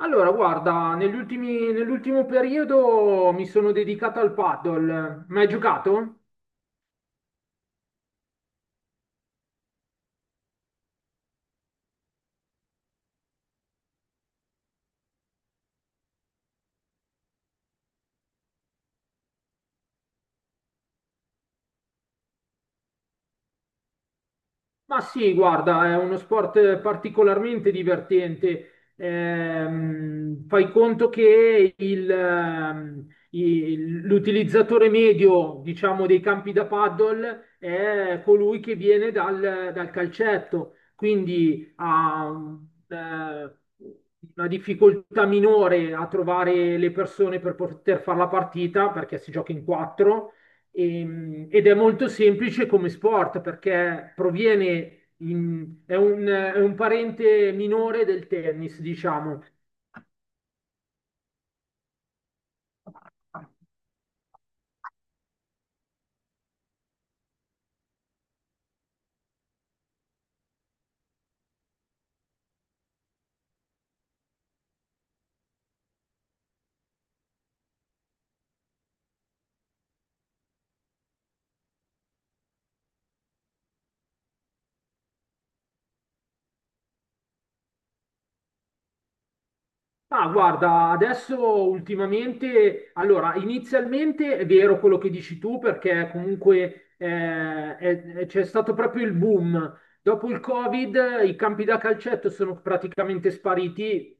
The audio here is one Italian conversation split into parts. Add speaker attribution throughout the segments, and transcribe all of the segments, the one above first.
Speaker 1: Allora, guarda, nell'ultimo periodo mi sono dedicato al paddle. Ma hai giocato? Ma sì, guarda, è uno sport particolarmente divertente. Fai conto che l'utilizzatore medio, diciamo, dei campi da paddle è colui che viene dal calcetto, quindi ha eh, una difficoltà minore a trovare le persone per poter fare la partita perché si gioca in quattro ed è molto semplice come sport perché è un parente minore del tennis, diciamo. Ma guarda, adesso ultimamente, allora, inizialmente è vero quello che dici tu, perché comunque c'è stato proprio il boom. Dopo il Covid, i campi da calcetto sono praticamente spariti,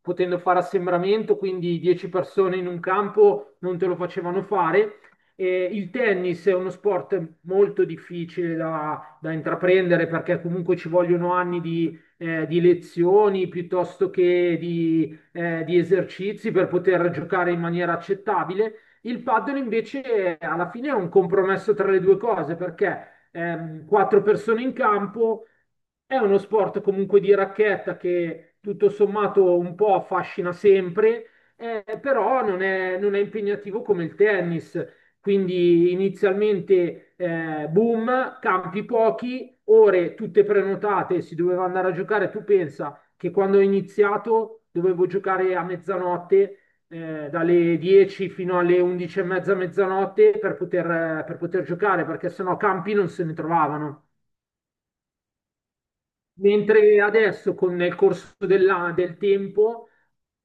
Speaker 1: potendo fare assembramento, quindi 10 persone in un campo non te lo facevano fare. E il tennis è uno sport molto difficile da intraprendere perché comunque ci vogliono anni di lezioni piuttosto che di esercizi per poter giocare in maniera accettabile. Il paddle invece alla fine è un compromesso tra le due cose perché quattro persone in campo è uno sport comunque di racchetta che tutto sommato un po' affascina sempre, però non è impegnativo come il tennis. Quindi inizialmente boom, campi pochi, ore tutte prenotate, si doveva andare a giocare, tu pensa che quando ho iniziato dovevo giocare a mezzanotte, dalle 10 fino alle 11 e mezza, mezzanotte per poter giocare, perché sennò campi non se ne trovavano. Mentre adesso, con nel corso del tempo,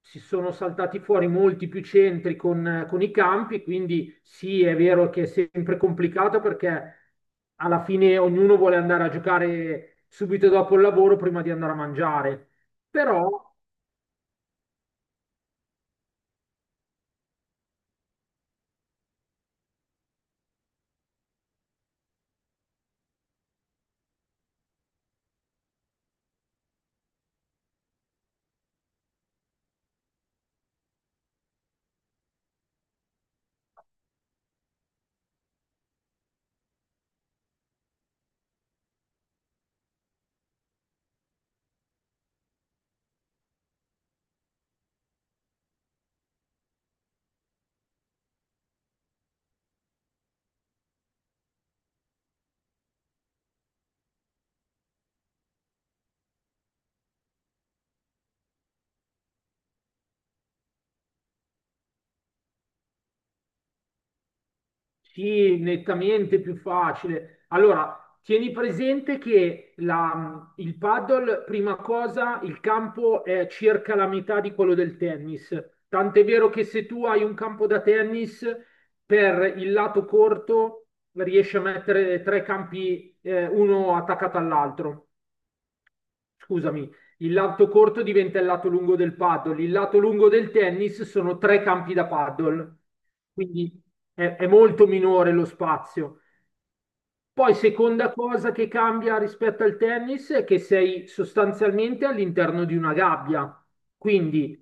Speaker 1: si sono saltati fuori molti più centri con i campi, quindi sì, è vero che è sempre complicato perché alla fine ognuno vuole andare a giocare subito dopo il lavoro prima di andare a mangiare. Però. Sì, nettamente più facile. Allora, tieni presente che il paddle, prima cosa, il campo è circa la metà di quello del tennis. Tant'è vero che se tu hai un campo da tennis, per il lato corto riesci a mettere tre campi, uno attaccato all'altro, scusami, il lato corto diventa il lato lungo del paddle, il lato lungo del tennis sono tre campi da paddle, quindi è molto minore lo spazio. Poi, seconda cosa che cambia rispetto al tennis è che sei sostanzialmente all'interno di una gabbia. Quindi,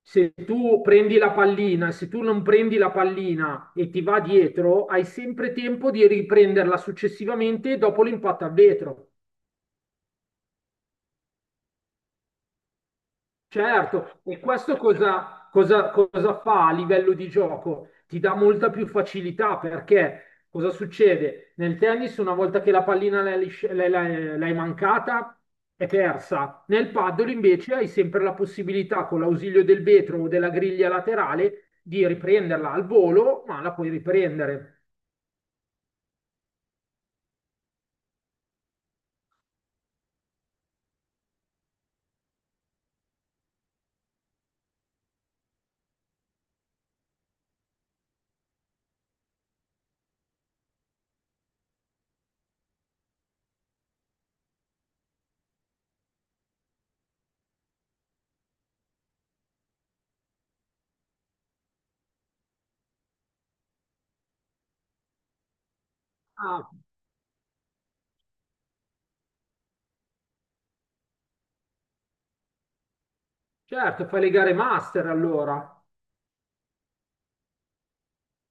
Speaker 1: se tu prendi la pallina, se tu non prendi la pallina e ti va dietro, hai sempre tempo di riprenderla successivamente dopo l'impatto a vetro. Certo, e questo cosa fa a livello di gioco? Ti dà molta più facilità perché cosa succede? Nel tennis, una volta che la pallina l'hai lisci- l'hai- l'hai- l'hai mancata, è persa. Nel paddle invece hai sempre la possibilità, con l'ausilio del vetro o della griglia laterale, di riprenderla al volo, ma la puoi riprendere. Ah, certo, fai le gare master allora.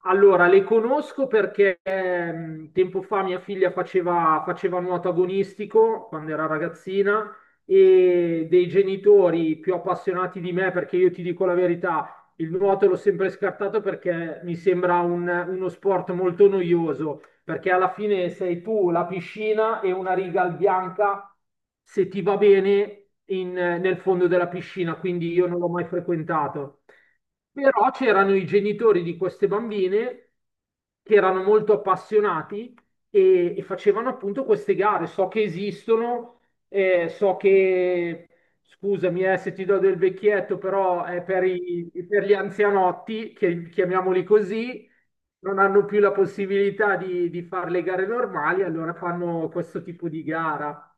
Speaker 1: Allora, le conosco perché tempo fa mia figlia faceva nuoto agonistico quando era ragazzina e dei genitori più appassionati di me, perché io ti dico la verità, il nuoto l'ho sempre scartato perché mi sembra uno sport molto noioso, perché alla fine sei tu, la piscina e una riga al bianca, se ti va bene, nel fondo della piscina, quindi io non l'ho mai frequentato. Però c'erano i genitori di queste bambine che erano molto appassionati e facevano appunto queste gare. So che esistono, eh, so che, scusami, se ti do del vecchietto, però è per gli anzianotti, che, chiamiamoli così, non hanno più la possibilità di fare le gare normali, allora fanno questo tipo di gara.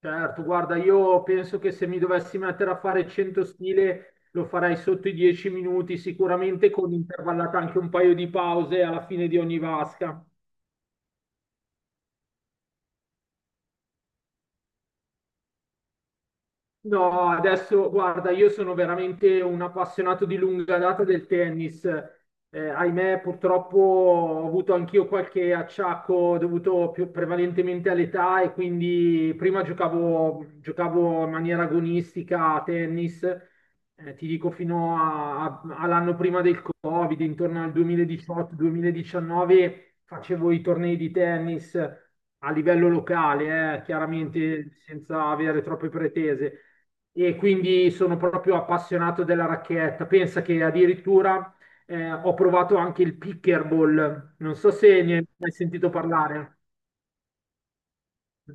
Speaker 1: Certo, guarda, io penso che se mi dovessi mettere a fare 100 stile lo farei sotto i 10 minuti, sicuramente con intervallata anche un paio di pause alla fine di ogni vasca. No, adesso guarda, io sono veramente un appassionato di lunga data del tennis. Ahimè, purtroppo ho avuto anch'io qualche acciacco dovuto più prevalentemente all'età e quindi prima giocavo in maniera agonistica a tennis, ti dico fino all'anno prima del Covid, intorno al 2018-2019 facevo i tornei di tennis a livello locale, chiaramente senza avere troppe pretese e quindi sono proprio appassionato della racchetta. Pensa che addirittura ho provato anche il pickleball, non so se ne hai sentito parlare.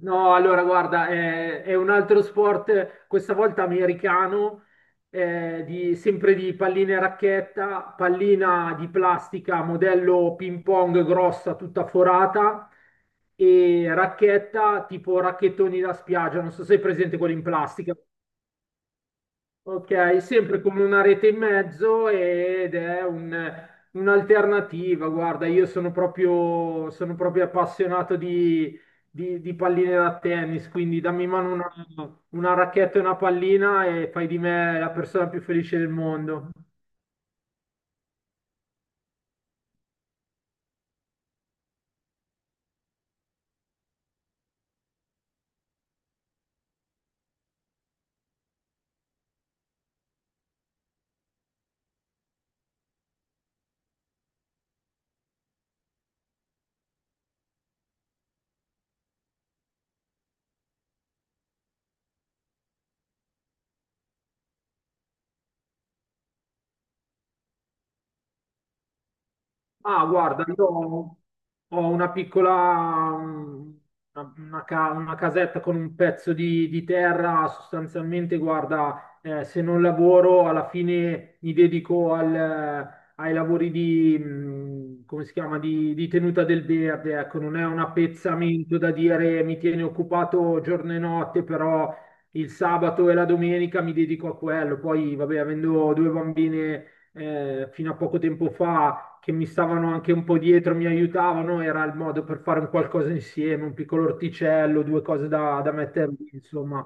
Speaker 1: No, allora guarda, è un altro sport, questa volta americano, sempre di palline e racchetta, pallina di plastica, modello ping pong grossa, tutta forata, e racchetta tipo racchettoni da spiaggia, non so se è presente quelli in plastica. Ok, sempre come una rete in mezzo ed è un'alternativa. Guarda, io sono proprio appassionato di palline da tennis, quindi dammi in mano una racchetta e una pallina e fai di me la persona più felice del mondo. Ah, guarda, io ho una piccola, una casetta con un pezzo di terra, sostanzialmente, guarda, se non lavoro, alla fine mi dedico ai lavori di, come si chiama, di tenuta del verde, ecco, non è un appezzamento da dire mi tiene occupato giorno e notte, però il sabato e la domenica mi dedico a quello. Poi, vabbè, avendo due bambine, fino a poco tempo fa che mi stavano anche un po' dietro, mi aiutavano, era il modo per fare un qualcosa insieme, un piccolo orticello, due cose da mettere lì, insomma.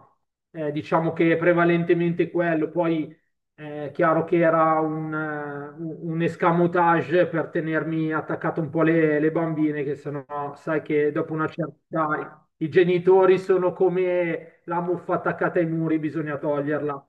Speaker 1: Diciamo che è prevalentemente quello, poi è chiaro che era un escamotage per tenermi attaccato un po' le bambine, che sennò sai che dopo una certa età i genitori sono come la muffa attaccata ai muri, bisogna toglierla.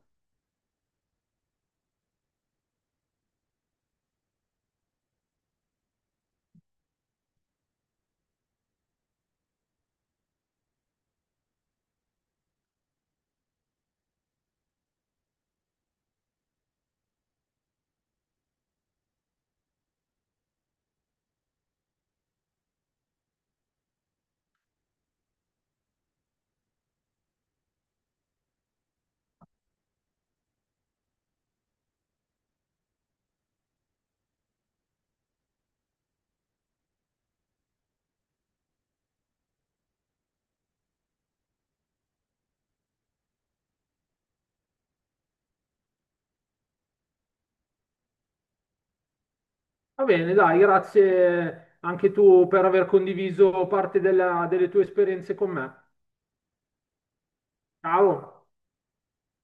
Speaker 1: Va bene, dai, grazie anche tu per aver condiviso parte delle tue esperienze con me. Ciao.